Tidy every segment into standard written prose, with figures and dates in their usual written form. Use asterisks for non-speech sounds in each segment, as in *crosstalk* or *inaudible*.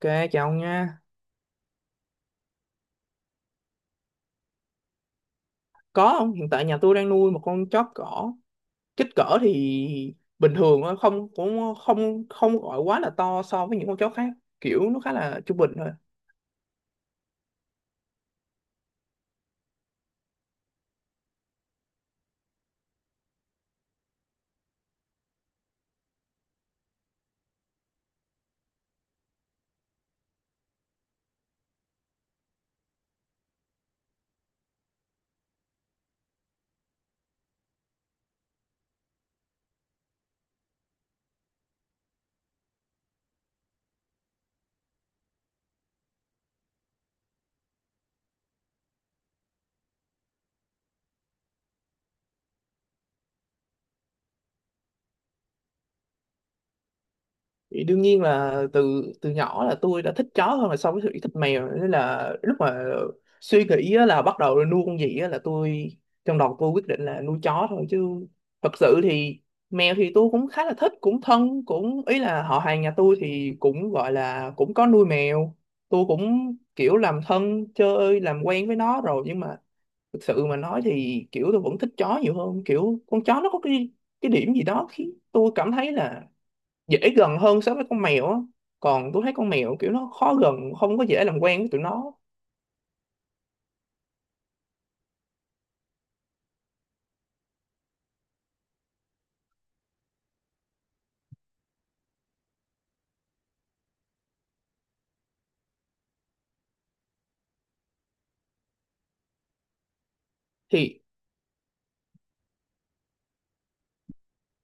Ok, chào ông nha. Có không? Hiện tại nhà tôi đang nuôi một con chó cỏ. Kích cỡ thì bình thường thôi. Không, cũng không không gọi quá là to so với những con chó khác. Kiểu nó khá là trung bình thôi. Thì đương nhiên là từ từ nhỏ là tôi đã thích chó hơn là so với sự thích mèo, nên là lúc mà suy nghĩ á, là bắt đầu nuôi con gì á, là tôi, trong đầu tôi quyết định là nuôi chó thôi chứ. Thật sự thì mèo thì tôi cũng khá là thích, cũng thân, cũng ý là họ hàng nhà tôi thì cũng gọi là cũng có nuôi mèo, tôi cũng kiểu làm thân chơi làm quen với nó rồi, nhưng mà thực sự mà nói thì kiểu tôi vẫn thích chó nhiều hơn. Kiểu con chó nó có cái điểm gì đó khiến tôi cảm thấy là dễ gần hơn so với con mèo á. Còn tôi thấy con mèo kiểu nó khó gần, không có dễ làm quen với tụi nó. Thì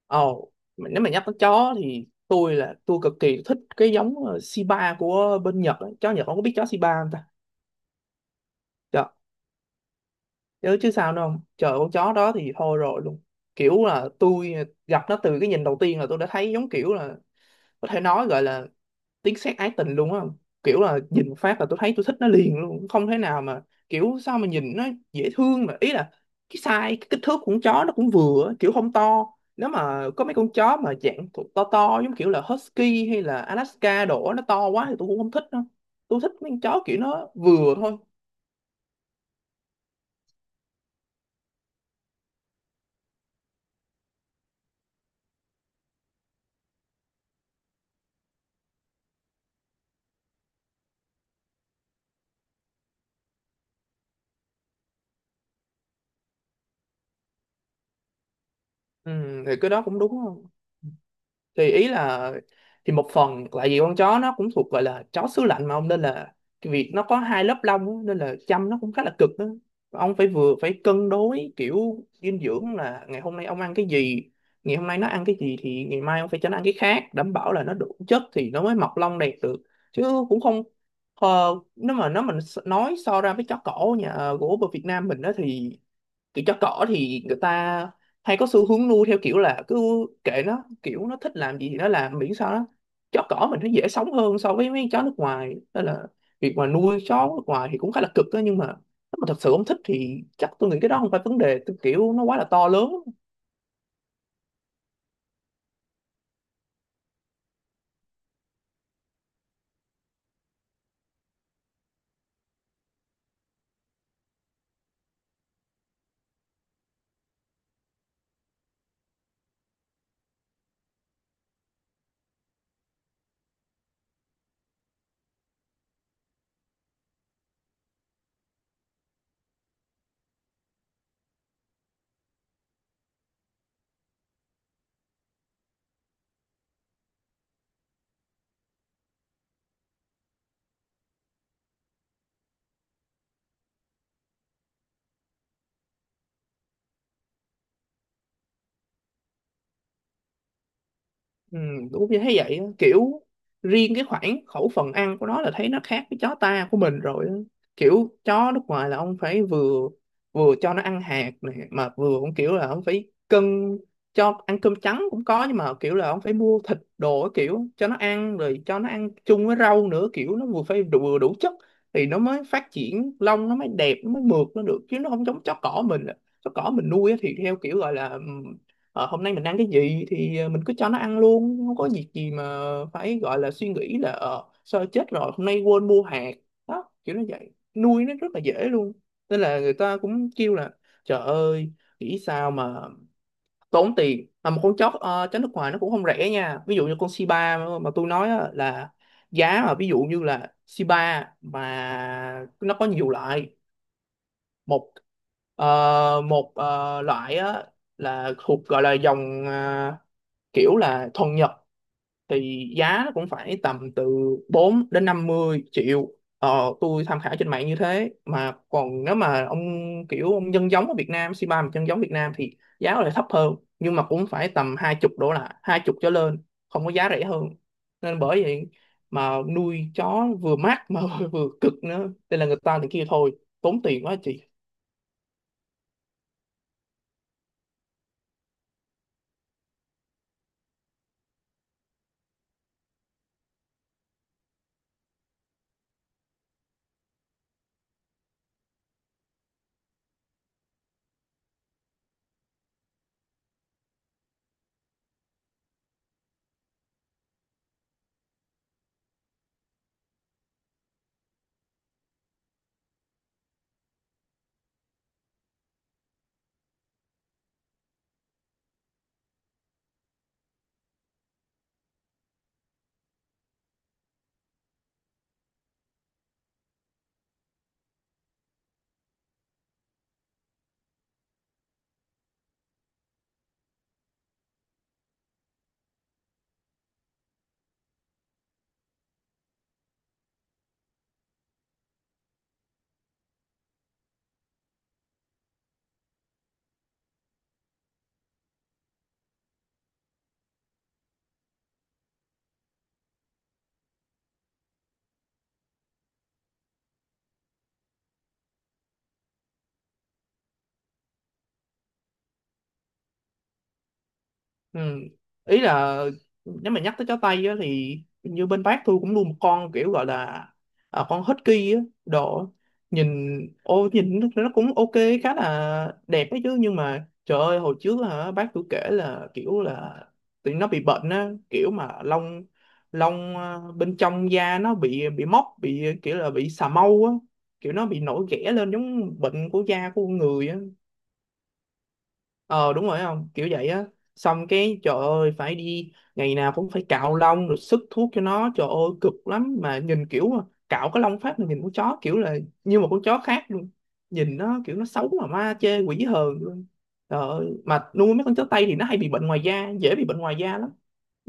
ồ, mà nếu mà nhắc tới chó thì tôi là tôi cực kỳ thích cái giống Shiba của bên Nhật á. Chó Nhật, không có biết chó Shiba không ta? Trời, chứ chứ sao nữa không trời, con chó đó thì thôi rồi luôn. Kiểu là tôi gặp nó từ cái nhìn đầu tiên là tôi đã thấy giống kiểu là, có thể nói gọi là tiếng sét ái tình luôn á. Kiểu là nhìn phát là tôi thấy tôi thích nó liền luôn, không thể nào mà, kiểu sao mà nhìn nó dễ thương mà. Ý là cái size, cái kích thước của con chó nó cũng vừa á, kiểu không to. Nếu mà có mấy con chó mà dạng thuộc to to giống kiểu là husky hay là Alaska đổ, nó to quá thì tôi cũng không thích đâu. Tôi thích mấy con chó kiểu nó vừa thôi. Ừ, thì cái đó cũng đúng. Thì ý là thì một phần tại vì con chó nó cũng thuộc gọi là chó xứ lạnh mà ông, nên là cái việc nó có hai lớp lông á, nên là chăm nó cũng khá là cực đó. Ông phải vừa phải cân đối kiểu dinh dưỡng, là ngày hôm nay ông ăn cái gì, ngày hôm nay nó ăn cái gì, thì ngày mai ông phải cho nó ăn cái khác đảm bảo là nó đủ chất thì nó mới mọc lông đẹp được. Chứ cũng không, nếu mà nó mình nói so ra với chó cổ nhà gỗ ở Việt Nam mình đó thì kiểu chó cỏ thì người ta hay có xu hướng nuôi theo kiểu là cứ kệ nó, kiểu nó thích làm gì thì nó làm, miễn sao nó, chó cỏ mình nó dễ sống hơn so với mấy chó nước ngoài, nên là việc mà nuôi chó nước ngoài thì cũng khá là cực đó. Nhưng mà nếu mà thật sự không thích thì chắc tôi nghĩ cái đó không phải vấn đề tôi, kiểu nó quá là to lớn. Ừ, đúng như thấy vậy á. Kiểu riêng cái khoảng khẩu phần ăn của nó là thấy nó khác với chó ta của mình rồi á. Kiểu chó nước ngoài là ông phải vừa, cho nó ăn hạt này, mà vừa cũng kiểu là ông phải cân, cho ăn cơm trắng cũng có, nhưng mà kiểu là ông phải mua thịt đồ á, kiểu cho nó ăn, rồi cho nó ăn chung với rau nữa, kiểu nó vừa phải đủ, vừa đủ chất thì nó mới phát triển, lông nó mới đẹp, nó mới mượt nó được. Chứ nó không giống chó cỏ mình. Chó cỏ mình nuôi á thì theo kiểu gọi là, hôm nay mình ăn cái gì thì mình cứ cho nó ăn luôn, không có việc gì mà phải gọi là suy nghĩ là sao chết rồi hôm nay quên mua hạt. Đó, kiểu nó vậy, nuôi nó rất là dễ luôn. Nên là người ta cũng kêu là trời ơi, nghĩ sao mà tốn tiền, mà một con chó chó nước ngoài nó cũng không rẻ nha. Ví dụ như con Shiba mà tôi nói á, là giá mà ví dụ như là Shiba mà nó có nhiều loại. Một một loại á là thuộc gọi là dòng, à, kiểu là thuần Nhật, thì giá nó cũng phải tầm từ 4 đến 50 triệu. Tôi tham khảo trên mạng như thế. Mà còn nếu mà ông, kiểu ông nhân giống ở Việt Nam, c ba mà nhân giống Việt Nam thì giá lại thấp hơn, nhưng mà cũng phải tầm 20 đổ lại, 20 trở lên, không có giá rẻ hơn. Nên bởi vậy, mà nuôi chó vừa mát mà *laughs* vừa cực nữa. Đây là người ta thì kia thôi, tốn tiền quá chị. Ừ. Ý là nếu mà nhắc tới chó Tây á, thì như bên bác tôi cũng nuôi một con kiểu gọi là, à, con Husky á. Độ nhìn, ô, nhìn nó cũng ok, khá là đẹp ấy chứ. Nhưng mà trời ơi, hồi trước là bác tôi kể là kiểu là tụi nó bị bệnh á, kiểu mà lông, à, bên trong da nó bị mốc, bị kiểu là bị xà mâu á, kiểu nó bị nổi ghẻ lên giống bệnh của da của con người á. Ờ, đúng rồi, không kiểu vậy á. Xong cái trời ơi phải đi, ngày nào cũng phải cạo lông rồi sức thuốc cho nó, trời ơi cực lắm. Mà nhìn kiểu cạo cái lông phát mà nhìn con chó kiểu là như một con chó khác luôn. Nhìn nó kiểu nó xấu mà ma chê quỷ hờn luôn. Trời ơi, mà nuôi mấy con chó Tây thì nó hay bị bệnh ngoài da, dễ bị bệnh ngoài da lắm.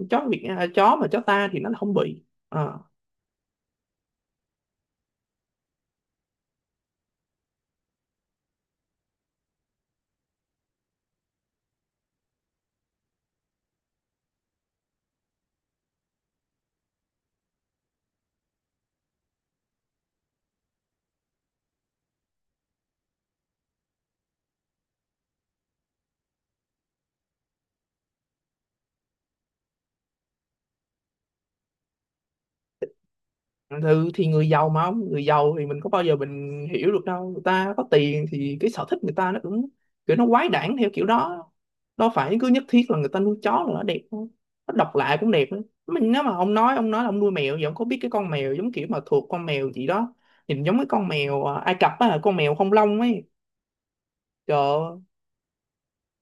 Chó Việt, à, chó mà chó ta thì nó không bị. Ờ. Ừ, thì người giàu mà ông, người giàu thì mình có bao giờ mình hiểu được đâu. Người ta có tiền thì cái sở thích người ta nó cũng kiểu nó quái đản theo kiểu đó. Đâu phải cứ nhất thiết là người ta nuôi chó là nó đẹp đâu. Nó độc lạ cũng đẹp nữa. Mình, nếu mà ông nói là ông nuôi mèo vậy, ông có biết cái con mèo giống kiểu mà thuộc con mèo gì đó, nhìn giống cái con mèo à, Ai Cập á, con mèo không lông ấy. Trời,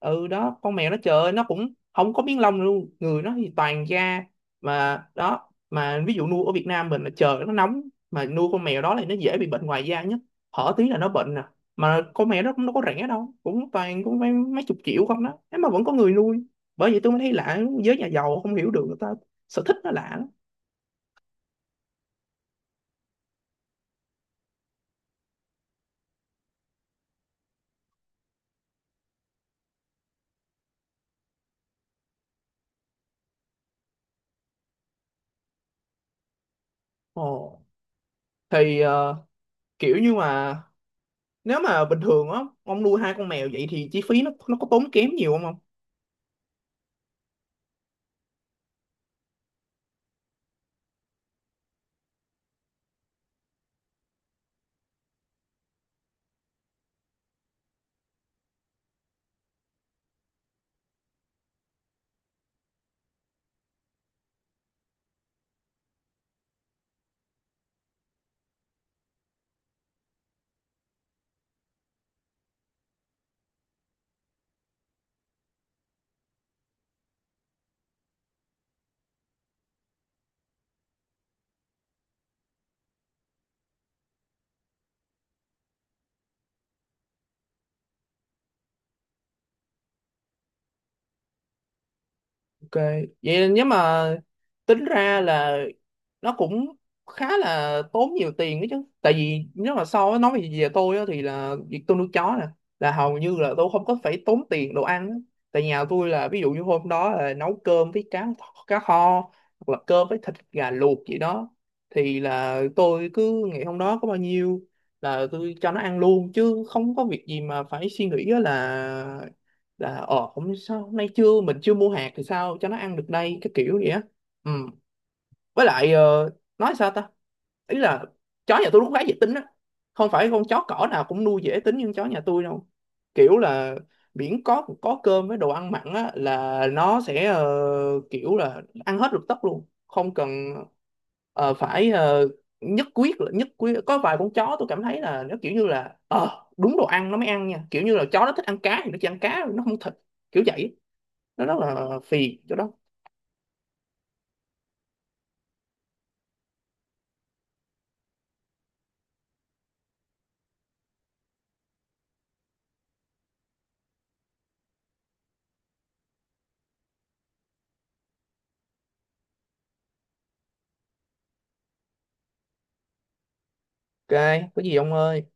ừ đó, con mèo nó trời ơi, nó cũng không có miếng lông luôn, người nó thì toàn da. Mà đó, mà ví dụ nuôi ở Việt Nam mình là trời nó nóng, mà nuôi con mèo đó thì nó dễ bị bệnh ngoài da nhất, hở tí là nó bệnh nè. Mà con mèo đó cũng đâu có rẻ đâu, cũng toàn cũng mấy chục triệu không đó, thế mà vẫn có người nuôi. Bởi vậy tôi mới thấy lạ. Giới nhà giàu không hiểu được, người ta sở thích nó lạ lắm. Ồ, thì kiểu như mà, nếu mà bình thường á ông nuôi hai con mèo vậy thì chi phí nó có tốn kém nhiều không ông? Ok, vậy nếu mà tính ra là nó cũng khá là tốn nhiều tiền đấy chứ. Tại vì nếu mà so với nói về về tôi á, thì là việc tôi nuôi chó nè là hầu như là tôi không có phải tốn tiền đồ ăn á. Tại nhà tôi là ví dụ như hôm đó là nấu cơm với cá, cá kho, hoặc là cơm với thịt gà luộc gì đó, thì là tôi cứ ngày hôm đó có bao nhiêu là tôi cho nó ăn luôn, chứ không có việc gì mà phải suy nghĩ á, là không sao hôm nay chưa, mình chưa mua hạt thì sao cho nó ăn được đây, cái kiểu vậy á. Ừ, với lại nói sao ta, ý là chó nhà tôi nó cũng khá dễ tính á. Không phải con chó cỏ nào cũng nuôi dễ tính như chó nhà tôi đâu. Kiểu là miễn có cơm với đồ ăn mặn á là nó sẽ kiểu là ăn hết lục tốc luôn, không cần ờ, phải ờ, nhất quyết là, nhất quyết có vài con chó tôi cảm thấy là nó kiểu như là đúng đồ ăn nó mới ăn nha, kiểu như là chó nó thích ăn cá thì nó chỉ ăn cá, nó không thịt, kiểu vậy, nó rất là phiền chỗ đó. Ok, có gì ông ơi.